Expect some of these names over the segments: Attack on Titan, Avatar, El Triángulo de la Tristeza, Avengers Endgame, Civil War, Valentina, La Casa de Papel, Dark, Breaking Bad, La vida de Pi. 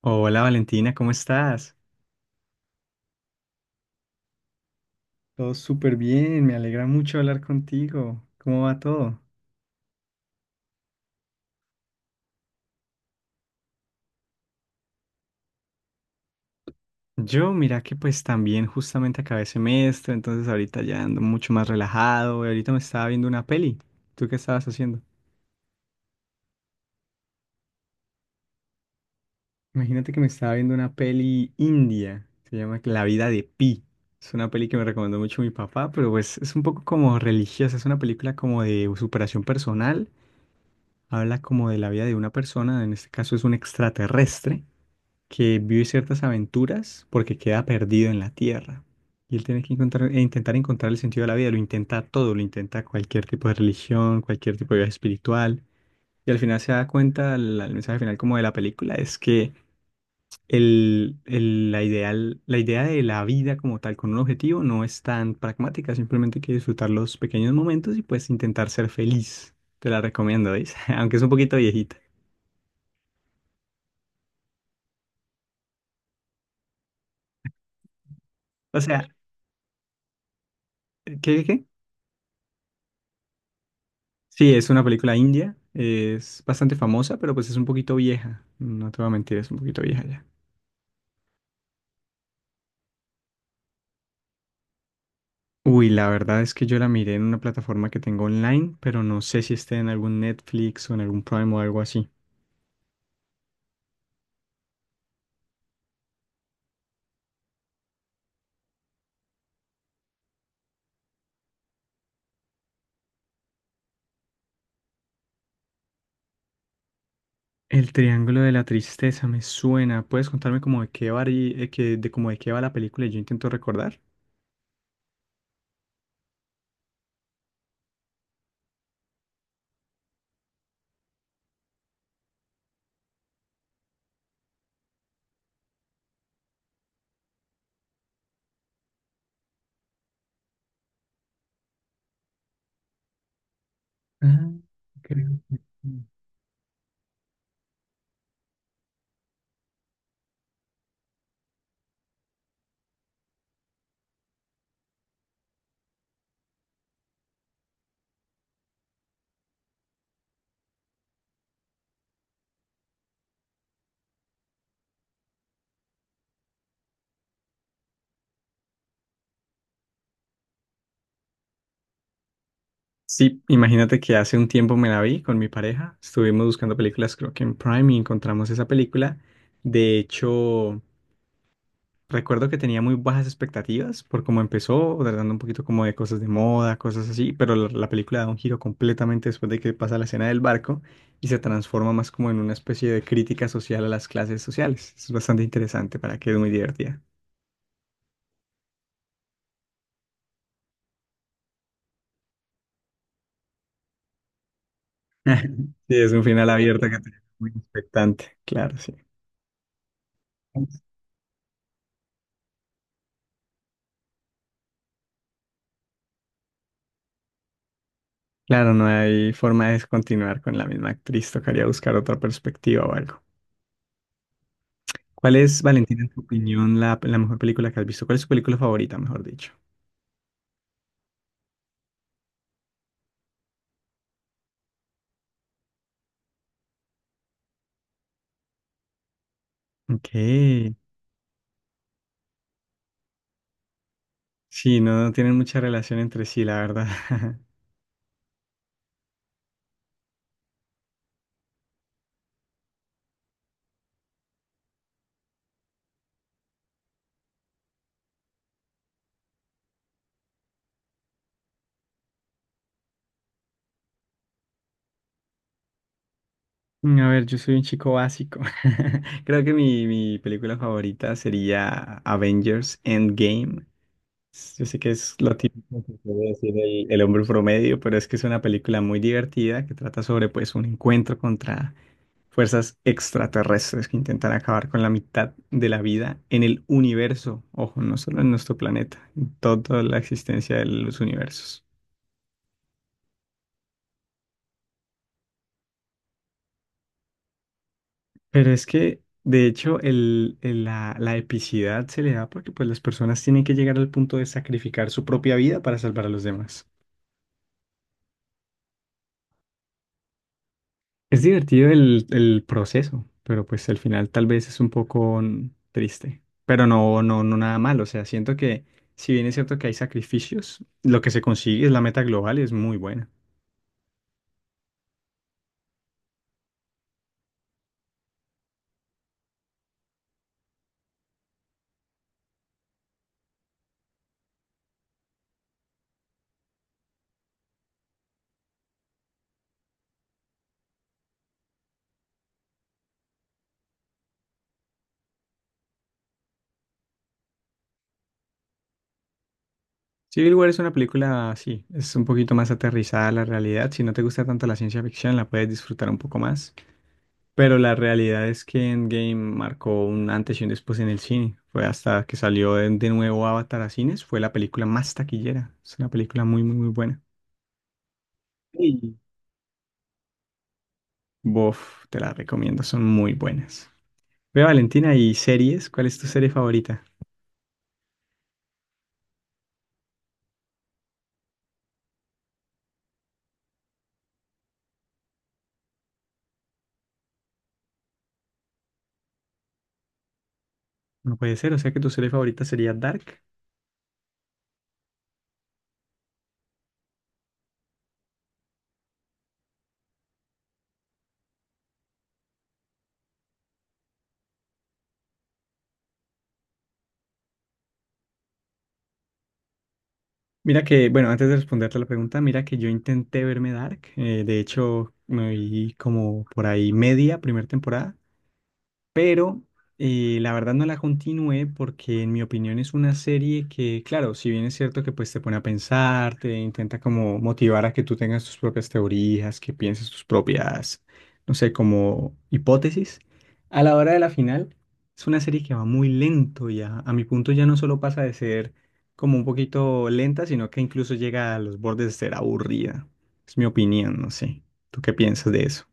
Hola Valentina, ¿cómo estás? Todo súper bien, me alegra mucho hablar contigo. ¿Cómo va todo? Yo, mira que pues también justamente acabé semestre, entonces ahorita ya ando mucho más relajado y ahorita me estaba viendo una peli. ¿Tú qué estabas haciendo? Imagínate que me estaba viendo una peli india, se llama La Vida de Pi. Es una peli que me recomendó mucho mi papá, pero pues es un poco como religiosa, es una película como de superación personal, habla como de la vida de una persona, en este caso es un extraterrestre que vive ciertas aventuras porque queda perdido en la tierra. Y él tiene que encontrar, e intentar encontrar el sentido de la vida. Lo intenta todo, lo intenta cualquier tipo de religión, cualquier tipo de vida espiritual. Y al final se da cuenta, el mensaje final como de la película es que la ideal, la idea de la vida como tal con un objetivo no es tan pragmática. Simplemente hay que disfrutar los pequeños momentos y pues intentar ser feliz. Te la recomiendo, ¿veis? Aunque es un poquito viejita. O sea, ¿qué? Sí, es una película india, es bastante famosa, pero pues es un poquito vieja, no te voy a mentir, es un poquito vieja ya. Uy, la verdad es que yo la miré en una plataforma que tengo online, pero no sé si esté en algún Netflix o en algún Prime o algo así. El Triángulo de la Tristeza me suena. ¿Puedes contarme como de qué va, de como de qué va la película y yo intento recordar? Ah, creo que sí. Sí, imagínate que hace un tiempo me la vi con mi pareja. Estuvimos buscando películas, creo que en Prime, y encontramos esa película. De hecho, recuerdo que tenía muy bajas expectativas por cómo empezó, tratando un poquito como de cosas de moda, cosas así, pero la película da un giro completamente después de que pasa la escena del barco y se transforma más como en una especie de crítica social a las clases sociales. Es bastante interesante, para que es muy divertida. Sí, es un final abierto que te deja muy expectante, claro, sí. Claro, no hay forma de continuar con la misma actriz, tocaría buscar otra perspectiva o algo. ¿Cuál es, Valentina, en tu opinión, la mejor película que has visto? ¿Cuál es tu película favorita, mejor dicho? Ok. Sí, no, no tienen mucha relación entre sí, la verdad. A ver, yo soy un chico básico. Creo que mi película favorita sería Avengers Endgame. Yo sé que es lo típico que puede decir el hombre promedio, pero es que es una película muy divertida que trata sobre pues un encuentro contra fuerzas extraterrestres que intentan acabar con la mitad de la vida en el universo. Ojo, no solo en nuestro planeta, en toda la existencia de los universos. Pero es que, de hecho, la epicidad se le da porque pues, las personas tienen que llegar al punto de sacrificar su propia vida para salvar a los demás. Es divertido el proceso, pero pues al final tal vez es un poco triste. Pero no, no, no nada malo. O sea, siento que si bien es cierto que hay sacrificios, lo que se consigue es la meta global y es muy buena. Civil War es una película sí es un poquito más aterrizada a la realidad. Si no te gusta tanto la ciencia ficción, la puedes disfrutar un poco más. Pero la realidad es que Endgame marcó un antes y un después en el cine. Fue hasta que salió de nuevo Avatar a cines, fue la película más taquillera. Es una película muy, muy, muy buena. Sí. Bof, te la recomiendo, son muy buenas. Ve, Valentina, ¿y series? ¿Cuál es tu serie favorita? No puede ser, o sea que tu serie favorita sería Dark. Mira que, bueno, antes de responderte la pregunta, mira que yo intenté verme Dark. De hecho, me vi como por ahí media primera temporada, pero la verdad no la continué porque en mi opinión es una serie que, claro, si bien es cierto que pues te pone a pensar, te intenta como motivar a que tú tengas tus propias teorías, que pienses tus propias, no sé, como hipótesis, a la hora de la final es una serie que va muy lento ya, a mi punto ya no solo pasa de ser como un poquito lenta, sino que incluso llega a los bordes de ser aburrida. Es mi opinión, no sé. ¿Tú qué piensas de eso?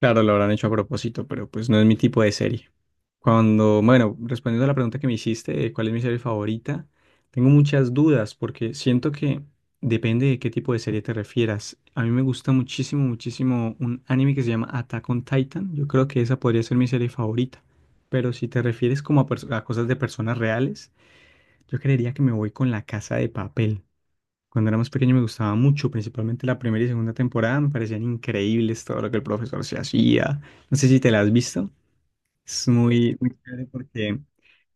Claro, lo habrán hecho a propósito, pero pues no es mi tipo de serie. Cuando, bueno, respondiendo a la pregunta que me hiciste de cuál es mi serie favorita, tengo muchas dudas porque siento que depende de qué tipo de serie te refieras. A mí me gusta muchísimo, muchísimo un anime que se llama Attack on Titan. Yo creo que esa podría ser mi serie favorita. Pero si te refieres como a, a cosas de personas reales, yo creería que me voy con La Casa de Papel. Cuando era más pequeño me gustaba mucho, principalmente la primera y segunda temporada, me parecían increíbles todo lo que el profesor se hacía. No sé si te la has visto. Es muy, muy chévere porque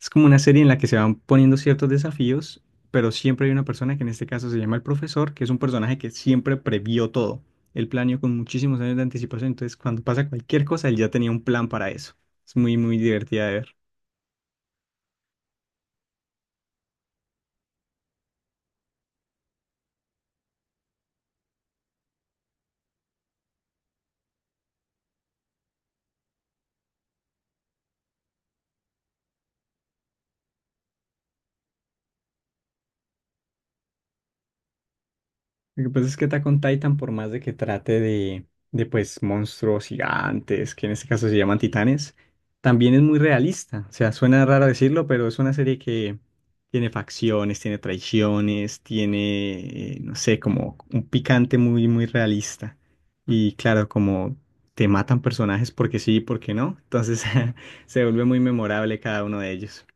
es como una serie en la que se van poniendo ciertos desafíos, pero siempre hay una persona que en este caso se llama el profesor, que es un personaje que siempre previó todo. Él planeó con muchísimos años de anticipación, entonces cuando pasa cualquier cosa, él ya tenía un plan para eso. Es muy, muy divertida de ver. Lo que pasa es que Attack on Titan, por más de que trate de pues monstruos gigantes, que en este caso se llaman titanes, también es muy realista. O sea, suena raro decirlo, pero es una serie que tiene facciones, tiene traiciones, tiene, no sé, como un picante muy, muy realista. Y claro, como te matan personajes porque sí y porque no, entonces se vuelve muy memorable cada uno de ellos.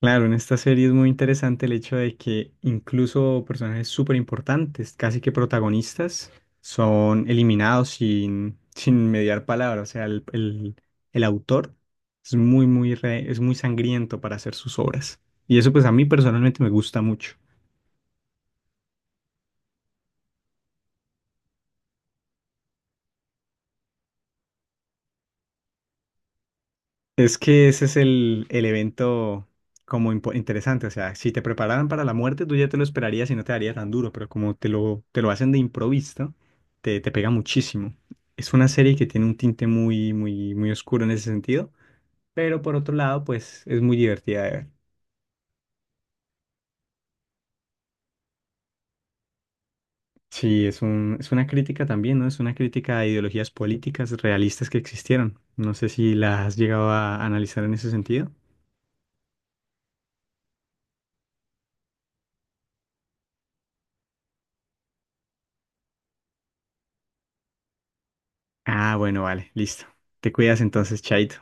Claro, en esta serie es muy interesante el hecho de que incluso personajes súper importantes, casi que protagonistas, son eliminados sin mediar palabra. O sea, el autor es muy, muy, es muy sangriento para hacer sus obras. Y eso pues a mí personalmente me gusta mucho. Es que ese es el evento como interesante. O sea, si te prepararan para la muerte, tú ya te lo esperarías y no te daría tan duro, pero como te lo hacen de improviso, te pega muchísimo. Es una serie que tiene un tinte muy, muy, muy oscuro en ese sentido, pero por otro lado, pues es muy divertida de ver. Sí, es un, es una crítica también, ¿no? Es una crítica a ideologías políticas realistas que existieron. No sé si las has llegado a analizar en ese sentido. Ah, bueno, vale, listo. Te cuidas entonces, chaito.